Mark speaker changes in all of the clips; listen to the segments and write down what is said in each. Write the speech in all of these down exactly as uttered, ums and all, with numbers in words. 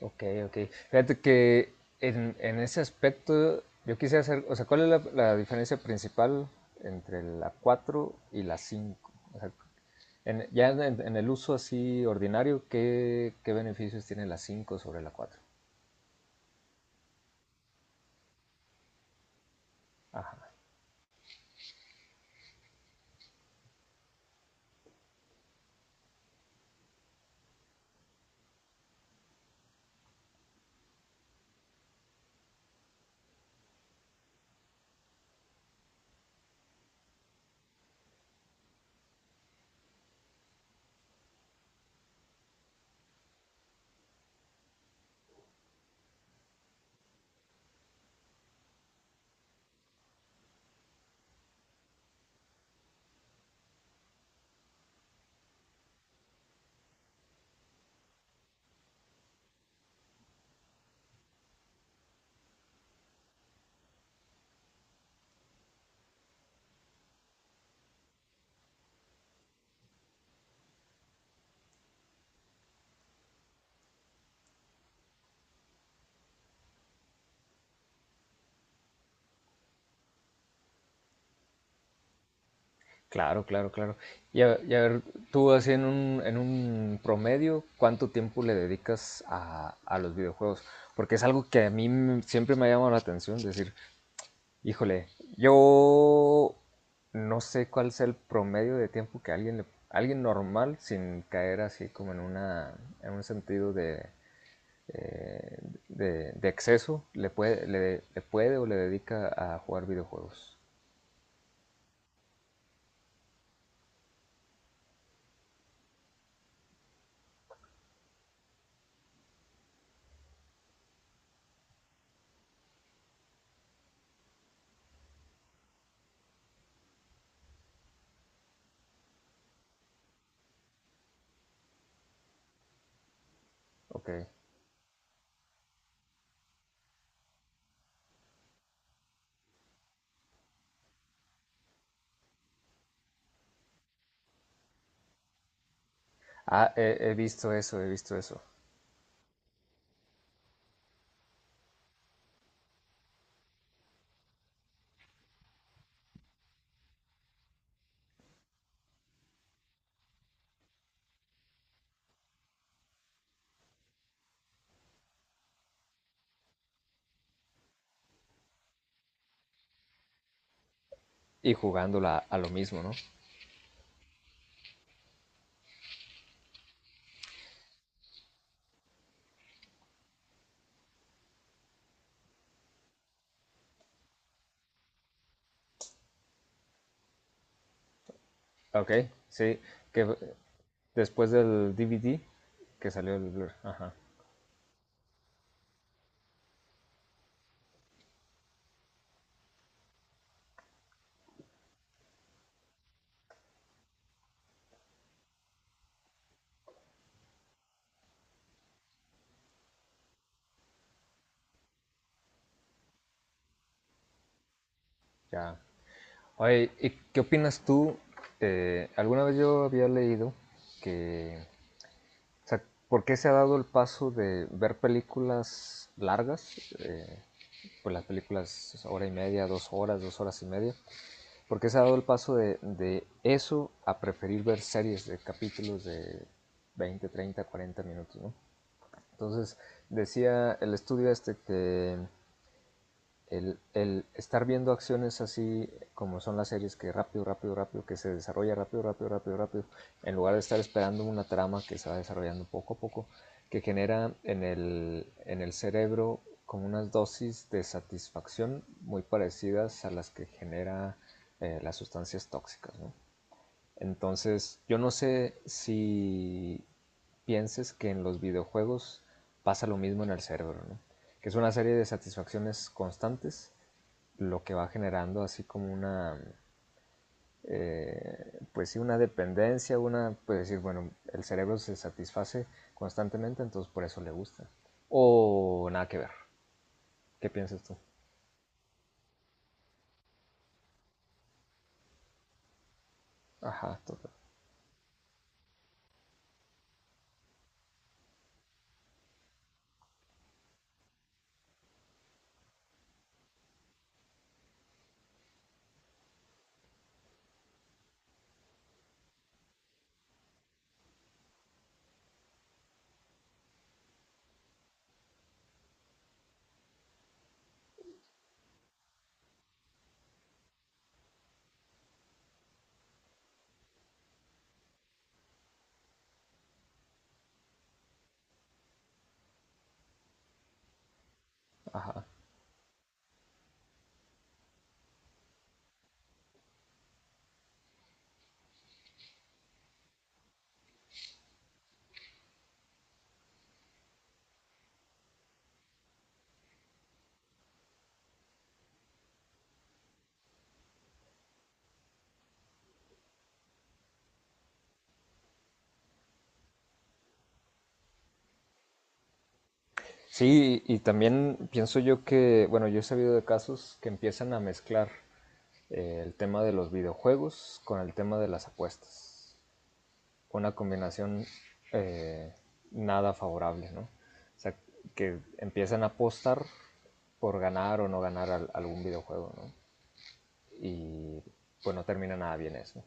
Speaker 1: Ok, ok. Fíjate que en, en ese aspecto yo quise hacer, o sea, ¿cuál es la, la diferencia principal entre la cuatro y la cinco? O sea, en- ya en, en el uso así ordinario, ¿qué, qué beneficios tiene la cinco sobre la cuatro? Ajá. Claro, claro, claro. Y a, y a ver, tú así en un, en un promedio, ¿cuánto tiempo le dedicas a, a los videojuegos? Porque es algo que a mí m- siempre me ha llamado la atención, decir, Híjole, yo no sé cuál sea el promedio de tiempo que alguien, le- alguien normal, sin caer así como en una, en un sentido de, eh, de, de exceso, le puede, le, le puede o le dedica a jugar videojuegos. Ok. Ah, he, he visto eso, he visto eso. Y jugándola a lo mismo, ¿no? Ok, sí. Que después del D V D que salió el Blur. Ajá, ya. Oye, ¿y qué opinas tú? Eh, alguna vez yo había leído que, o sea, ¿por qué se ha dado el paso de ver películas largas? Eh, pues las películas hora y media, dos horas, dos horas y media. ¿Por qué se ha dado el paso de, de eso a preferir ver series de capítulos de veinte treinta cuarenta minutos? ¿No? Entonces, decía el estudio este que el, el estar viendo acciones así como son las series, que rápido, rápido, rápido, que se desarrolla rápido, rápido, rápido, rápido, en lugar de estar esperando una trama que se va desarrollando poco a poco, que genera en el, en el cerebro como unas dosis de satisfacción muy parecidas a las que genera eh, las sustancias tóxicas, ¿no? Entonces, yo no sé si pienses que en los videojuegos pasa lo mismo en el cerebro, ¿no? Que es una serie de satisfacciones constantes, lo que va generando así como una, eh, pues sí, una dependencia, una, pues decir, bueno, el cerebro se satisface constantemente, entonces por eso le gusta. O nada que ver. ¿Qué piensas tú? Ajá, total. Ajá. Sí, y también pienso yo que, bueno, yo he sabido de casos que empiezan a mezclar eh, el tema de los videojuegos con el tema de las apuestas. Una combinación eh, nada favorable, ¿no? O sea, que empiezan a apostar por ganar o no ganar al- algún videojuego, ¿no? Y pues no termina nada bien eso.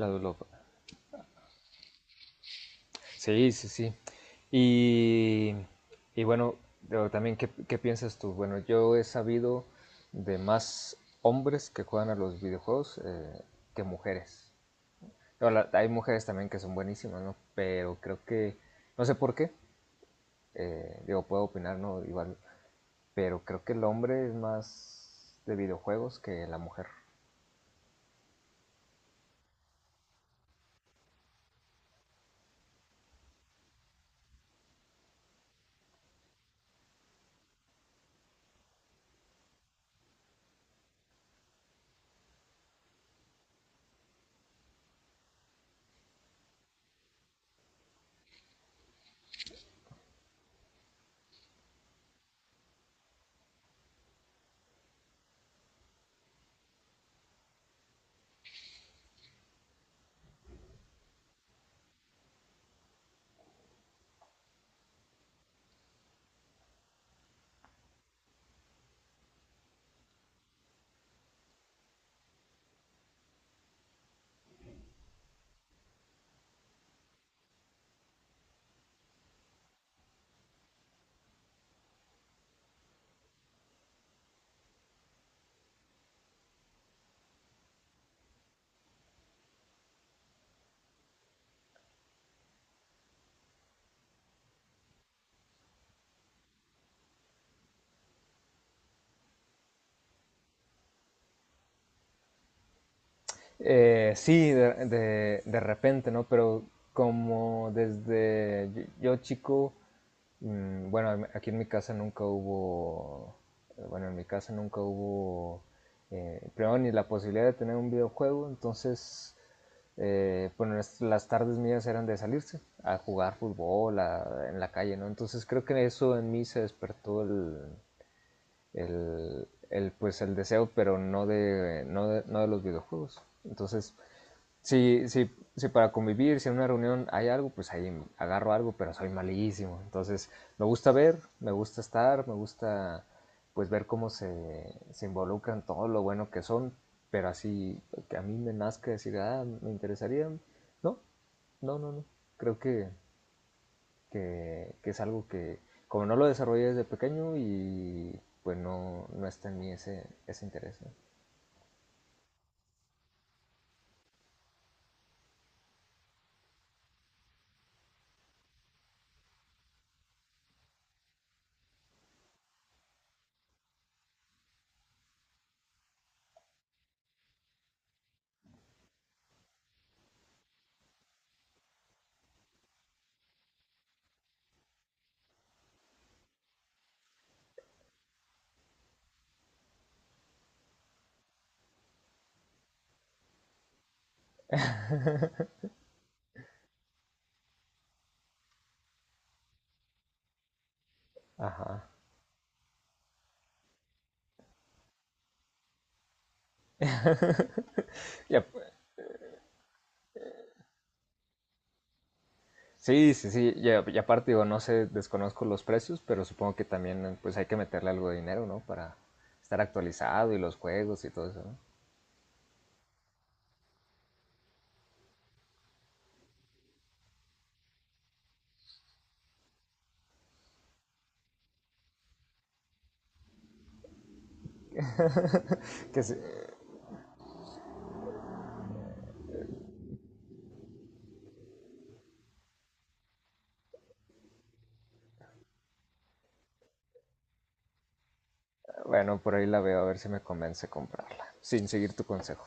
Speaker 1: La Dulopa. Sí, sí, sí. Y, y bueno, también, ¿qué, qué piensas tú? Bueno, yo he sabido de más hombres que juegan a los videojuegos eh, que mujeres. Pero la- hay mujeres también que son buenísimas, ¿no? Pero creo que, no sé por qué, eh, digo, puedo opinar, ¿no? Igual, pero creo que el hombre es más de videojuegos que la mujer. Eh, sí, de, de, de repente, ¿no? Pero como desde yo, yo chico, mm, bueno, en- aquí en mi casa nunca hubo, bueno, en mi casa nunca hubo, eh, primero ni la posibilidad de tener un videojuego, entonces, eh, bueno, las las tardes mías eran de salirse a jugar fútbol a- en la calle, ¿no? Entonces creo que eso en mí se despertó el, el, el, pues el deseo, pero no de, no de, no de los videojuegos. Entonces, si, si, si para convivir, si en una reunión hay algo, pues ahí agarro algo, pero soy malísimo. Entonces, me gusta ver, me gusta estar, me gusta pues ver cómo se, se involucran todo lo bueno que son, pero así que a mí me nazca decir, ah, me interesaría. No, no, no, no. Creo que, que, que es algo que, como no lo desarrollé desde pequeño y pues no, no está en mí ese, ese interés, ¿no? Ajá. Y, a- Sí, sí, sí. Y, a- y aparte, digo, no sé, desconozco los precios, pero supongo que también pues hay que meterle algo de dinero, ¿no? Para estar actualizado y los juegos y todo eso, ¿no? Que sí, eh, bueno, por ahí la veo a ver si me convence comprarla, sin seguir tu consejo.